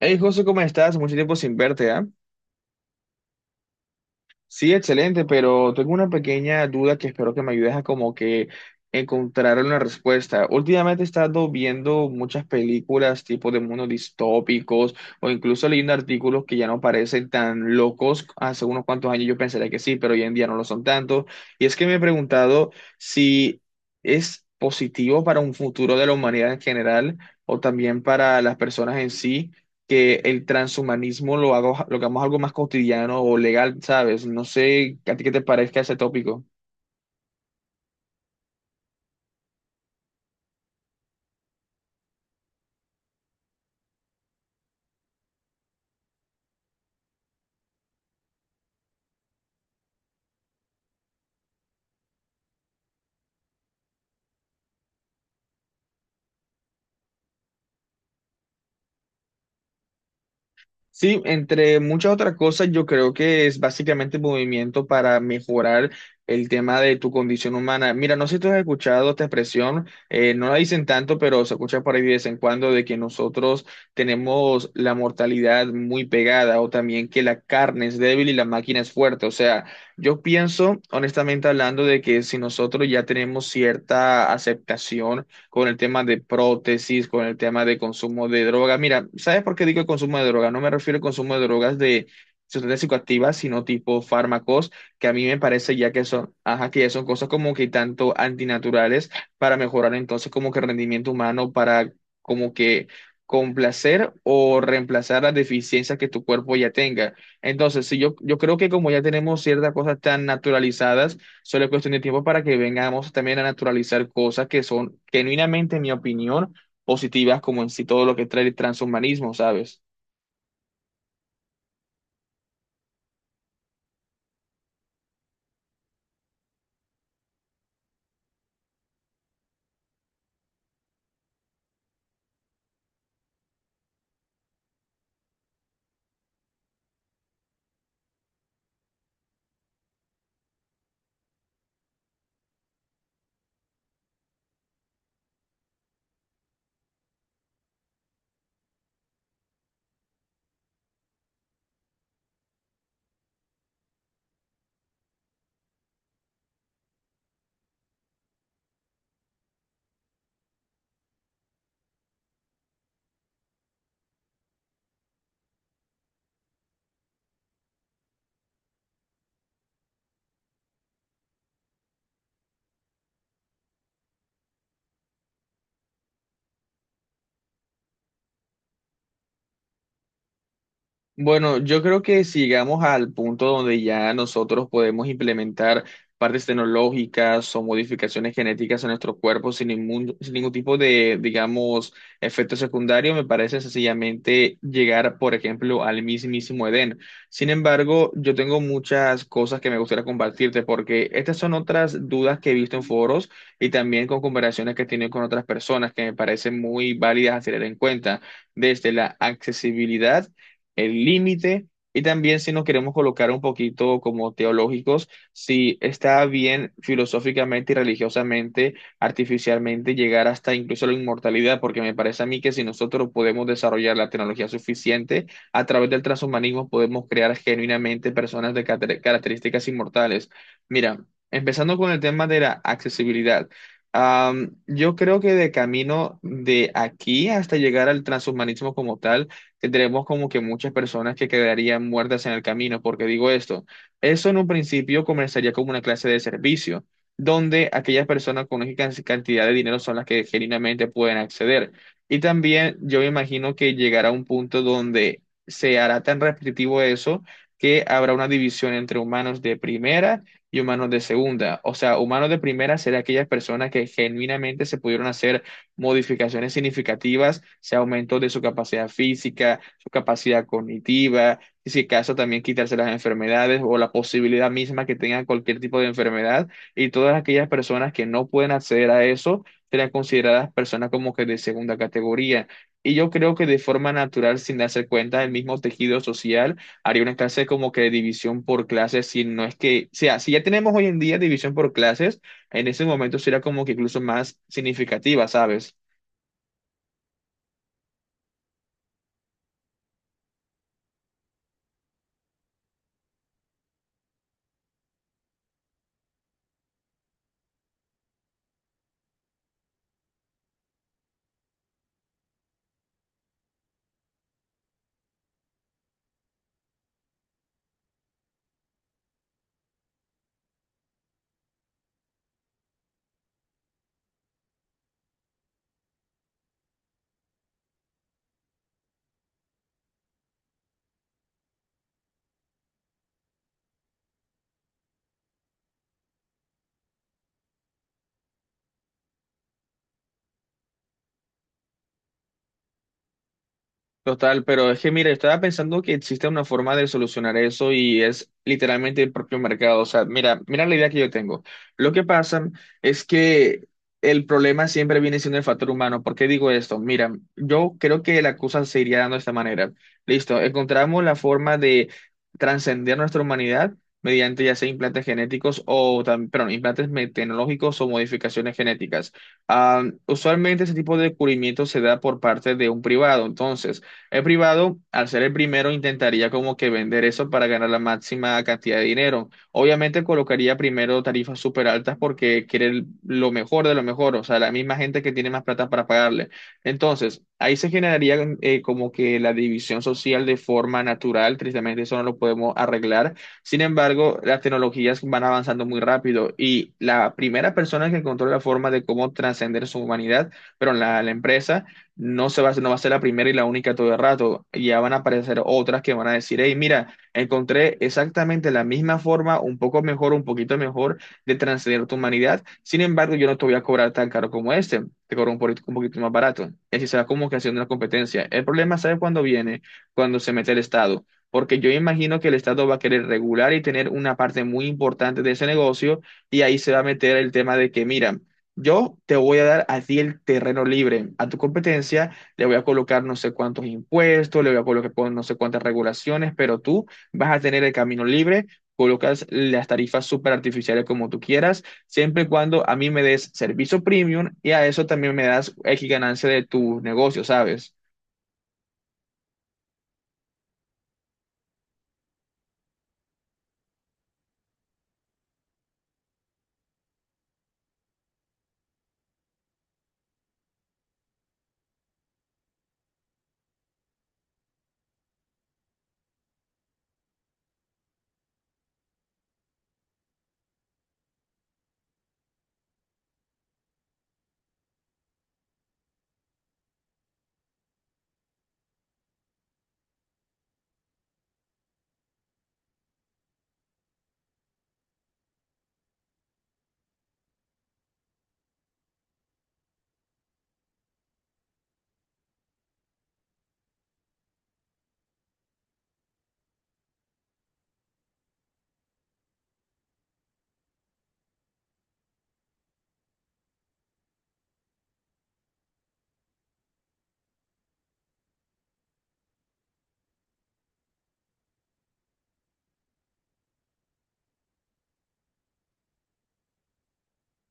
Hey, José, ¿cómo estás? Mucho tiempo sin verte, ¿ah? Sí, excelente, pero tengo una pequeña duda que espero que me ayudes a como que encontrar una respuesta. Últimamente he estado viendo muchas películas tipo de mundos distópicos o incluso leyendo artículos que ya no parecen tan locos. Hace unos cuantos años yo pensaría que sí, pero hoy en día no lo son tanto. Y es que me he preguntado si es positivo para un futuro de la humanidad en general o también para las personas en sí que el transhumanismo lo hago, lo hagamos algo más cotidiano o legal, ¿sabes? No sé a ti qué te parezca ese tópico. Sí, entre muchas otras cosas, yo creo que es básicamente movimiento para mejorar el tema de tu condición humana. Mira, no sé si tú has escuchado esta expresión, no la dicen tanto, pero se escucha por ahí de vez en cuando de que nosotros tenemos la mortalidad muy pegada o también que la carne es débil y la máquina es fuerte. O sea, yo pienso, honestamente hablando, de que si nosotros ya tenemos cierta aceptación, con el tema de prótesis, con el tema de consumo de droga. Mira, ¿sabes por qué digo el consumo de droga? No me refiero al consumo de drogas de sustancias psicoactivas, sino tipo fármacos, que a mí me parece ya que son, ajá, que ya son cosas como que tanto antinaturales para mejorar entonces como que el rendimiento humano, para como que complacer o reemplazar las deficiencias que tu cuerpo ya tenga. Entonces, si yo, yo creo que como ya tenemos ciertas cosas tan naturalizadas, solo es cuestión de tiempo para que vengamos también a naturalizar cosas que son genuinamente, en mi opinión, positivas, como en sí todo lo que trae el transhumanismo, ¿sabes? Bueno, yo creo que si llegamos al punto donde ya nosotros podemos implementar partes tecnológicas o modificaciones genéticas en nuestro cuerpo sin ningún tipo de, digamos, efecto secundario, me parece sencillamente llegar, por ejemplo, al mismísimo Edén. Sin embargo, yo tengo muchas cosas que me gustaría compartirte porque estas son otras dudas que he visto en foros y también con conversaciones que he tenido con otras personas que me parecen muy válidas a tener en cuenta desde la accesibilidad, el límite, y también si nos queremos colocar un poquito como teológicos, si está bien filosóficamente y religiosamente, artificialmente llegar hasta incluso la inmortalidad, porque me parece a mí que si nosotros podemos desarrollar la tecnología suficiente, a través del transhumanismo podemos crear genuinamente personas de características inmortales. Mira, empezando con el tema de la accesibilidad. Yo creo que de camino de aquí hasta llegar al transhumanismo como tal, tendremos como que muchas personas que quedarían muertas en el camino. Porque digo esto, eso en un principio comenzaría como una clase de servicio, donde aquellas personas con una cantidad de dinero son las que genuinamente pueden acceder. Y también yo me imagino que llegará un punto donde se hará tan repetitivo eso que habrá una división entre humanos de primera y humanos de segunda. O sea, humanos de primera serán aquellas personas que genuinamente se pudieron hacer modificaciones significativas, sea aumento de su capacidad física, su capacidad cognitiva, y si acaso también quitarse las enfermedades o la posibilidad misma que tengan cualquier tipo de enfermedad, y todas aquellas personas que no pueden acceder a eso serán consideradas personas como que de segunda categoría. Y yo creo que de forma natural, sin darse cuenta, el mismo tejido social haría una clase como que de división por clases, si no es que, o sea, si ya tenemos hoy en día división por clases, en ese momento sería como que incluso más significativa, ¿sabes? Total, pero es que mira, estaba pensando que existe una forma de solucionar eso y es literalmente el propio mercado. O sea, mira, la idea que yo tengo. Lo que pasa es que el problema siempre viene siendo el factor humano. ¿Por qué digo esto? Mira, yo creo que la cosa se iría dando de esta manera. Listo, encontramos la forma de trascender nuestra humanidad mediante ya sea implantes genéticos o también, perdón, tecnológicos o modificaciones genéticas. Ah, usualmente ese tipo de descubrimiento se da por parte de un privado. Entonces, el privado, al ser el primero, intentaría como que vender eso para ganar la máxima cantidad de dinero. Obviamente colocaría primero tarifas súper altas porque quiere lo mejor de lo mejor, o sea, la misma gente que tiene más plata para pagarle. Entonces, ahí se generaría como que la división social de forma natural, tristemente eso no lo podemos arreglar. Sin embargo, las tecnologías van avanzando muy rápido y la primera persona que encontró la forma de cómo trascender su humanidad, pero la empresa no se va a hacer, no va a ser la primera y la única todo el rato. Ya van a aparecer otras que van a decir, hey, mira, encontré exactamente la misma forma, un poco mejor, un poquito mejor de transcender tu humanidad. Sin embargo, yo no te voy a cobrar tan caro como este, te cobro un poquito más barato. Y así se va como que haciendo una competencia. El problema, ¿sabes cuándo viene? Cuando se mete el Estado. Porque yo imagino que el Estado va a querer regular y tener una parte muy importante de ese negocio y ahí se va a meter el tema de que, mira, yo te voy a dar a ti el terreno libre. A tu competencia le voy a colocar no sé cuántos impuestos, le voy a colocar con no sé cuántas regulaciones, pero tú vas a tener el camino libre. Colocas las tarifas súper artificiales como tú quieras, siempre y cuando a mí me des servicio premium y a eso también me das X ganancia de tu negocio, ¿sabes?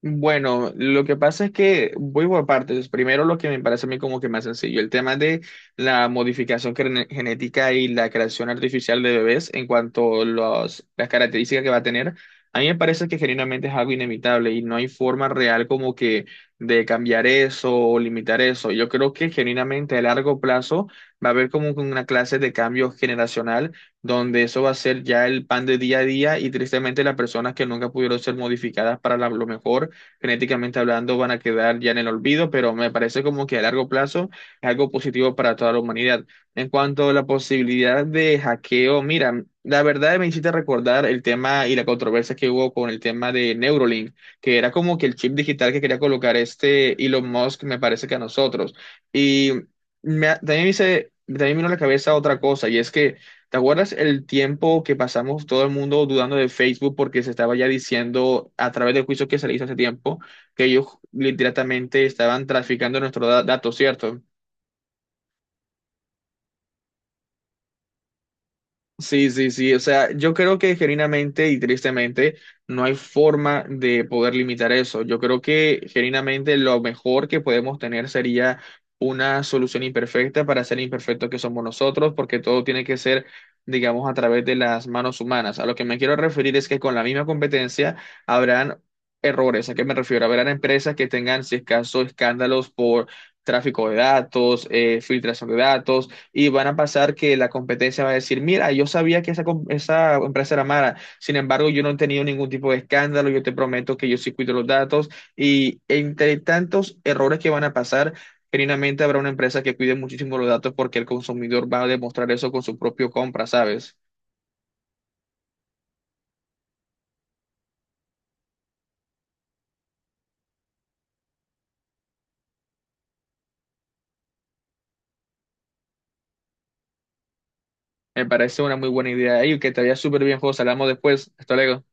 Bueno, lo que pasa es que voy por partes. Primero, lo que me parece a mí como que más sencillo, el tema de la genética y la creación artificial de bebés en cuanto a las características que va a tener. A mí me parece que genuinamente es algo inevitable y no hay forma real como que de cambiar eso o limitar eso. Yo creo que genuinamente a largo plazo va a haber como que una clase de cambio generacional donde eso va a ser ya el pan de día a día y tristemente las personas que nunca pudieron ser modificadas para lo mejor genéticamente hablando van a quedar ya en el olvido, pero me parece como que a largo plazo es algo positivo para toda la humanidad. En cuanto a la posibilidad de hackeo, mira, la verdad me hiciste recordar el tema y la controversia que hubo con el tema de Neuralink, que era como que el chip digital que quería colocar este Elon Musk, me parece que a nosotros. Y también también me vino a la cabeza otra cosa, y es que ¿te acuerdas el tiempo que pasamos todo el mundo dudando de Facebook porque se estaba ya diciendo a través del juicio que se le hizo hace tiempo que ellos literalmente estaban traficando nuestros datos, ¿cierto? Sí, sí, sí. O sea, yo creo que genuinamente y tristemente no hay forma de poder limitar eso. Yo creo que genuinamente lo mejor que podemos tener sería una solución imperfecta para ser imperfectos que somos nosotros, porque todo tiene que ser, digamos, a través de las manos humanas. A lo que me quiero referir es que con la misma competencia habrán errores. ¿A qué me refiero? Habrán empresas que tengan, si es caso, escándalos por tráfico de datos, filtración de datos y van a pasar que la competencia va a decir, mira, yo sabía que esa empresa era mala, sin embargo, yo no he tenido ningún tipo de escándalo, yo te prometo que yo sí cuido los datos y entre tantos errores que van a pasar, genuinamente habrá una empresa que cuide muchísimo los datos porque el consumidor va a demostrar eso con su propio compra, ¿sabes? Me parece una muy buena idea. Y que te vaya súper bien, José. Hablamos después. Hasta luego.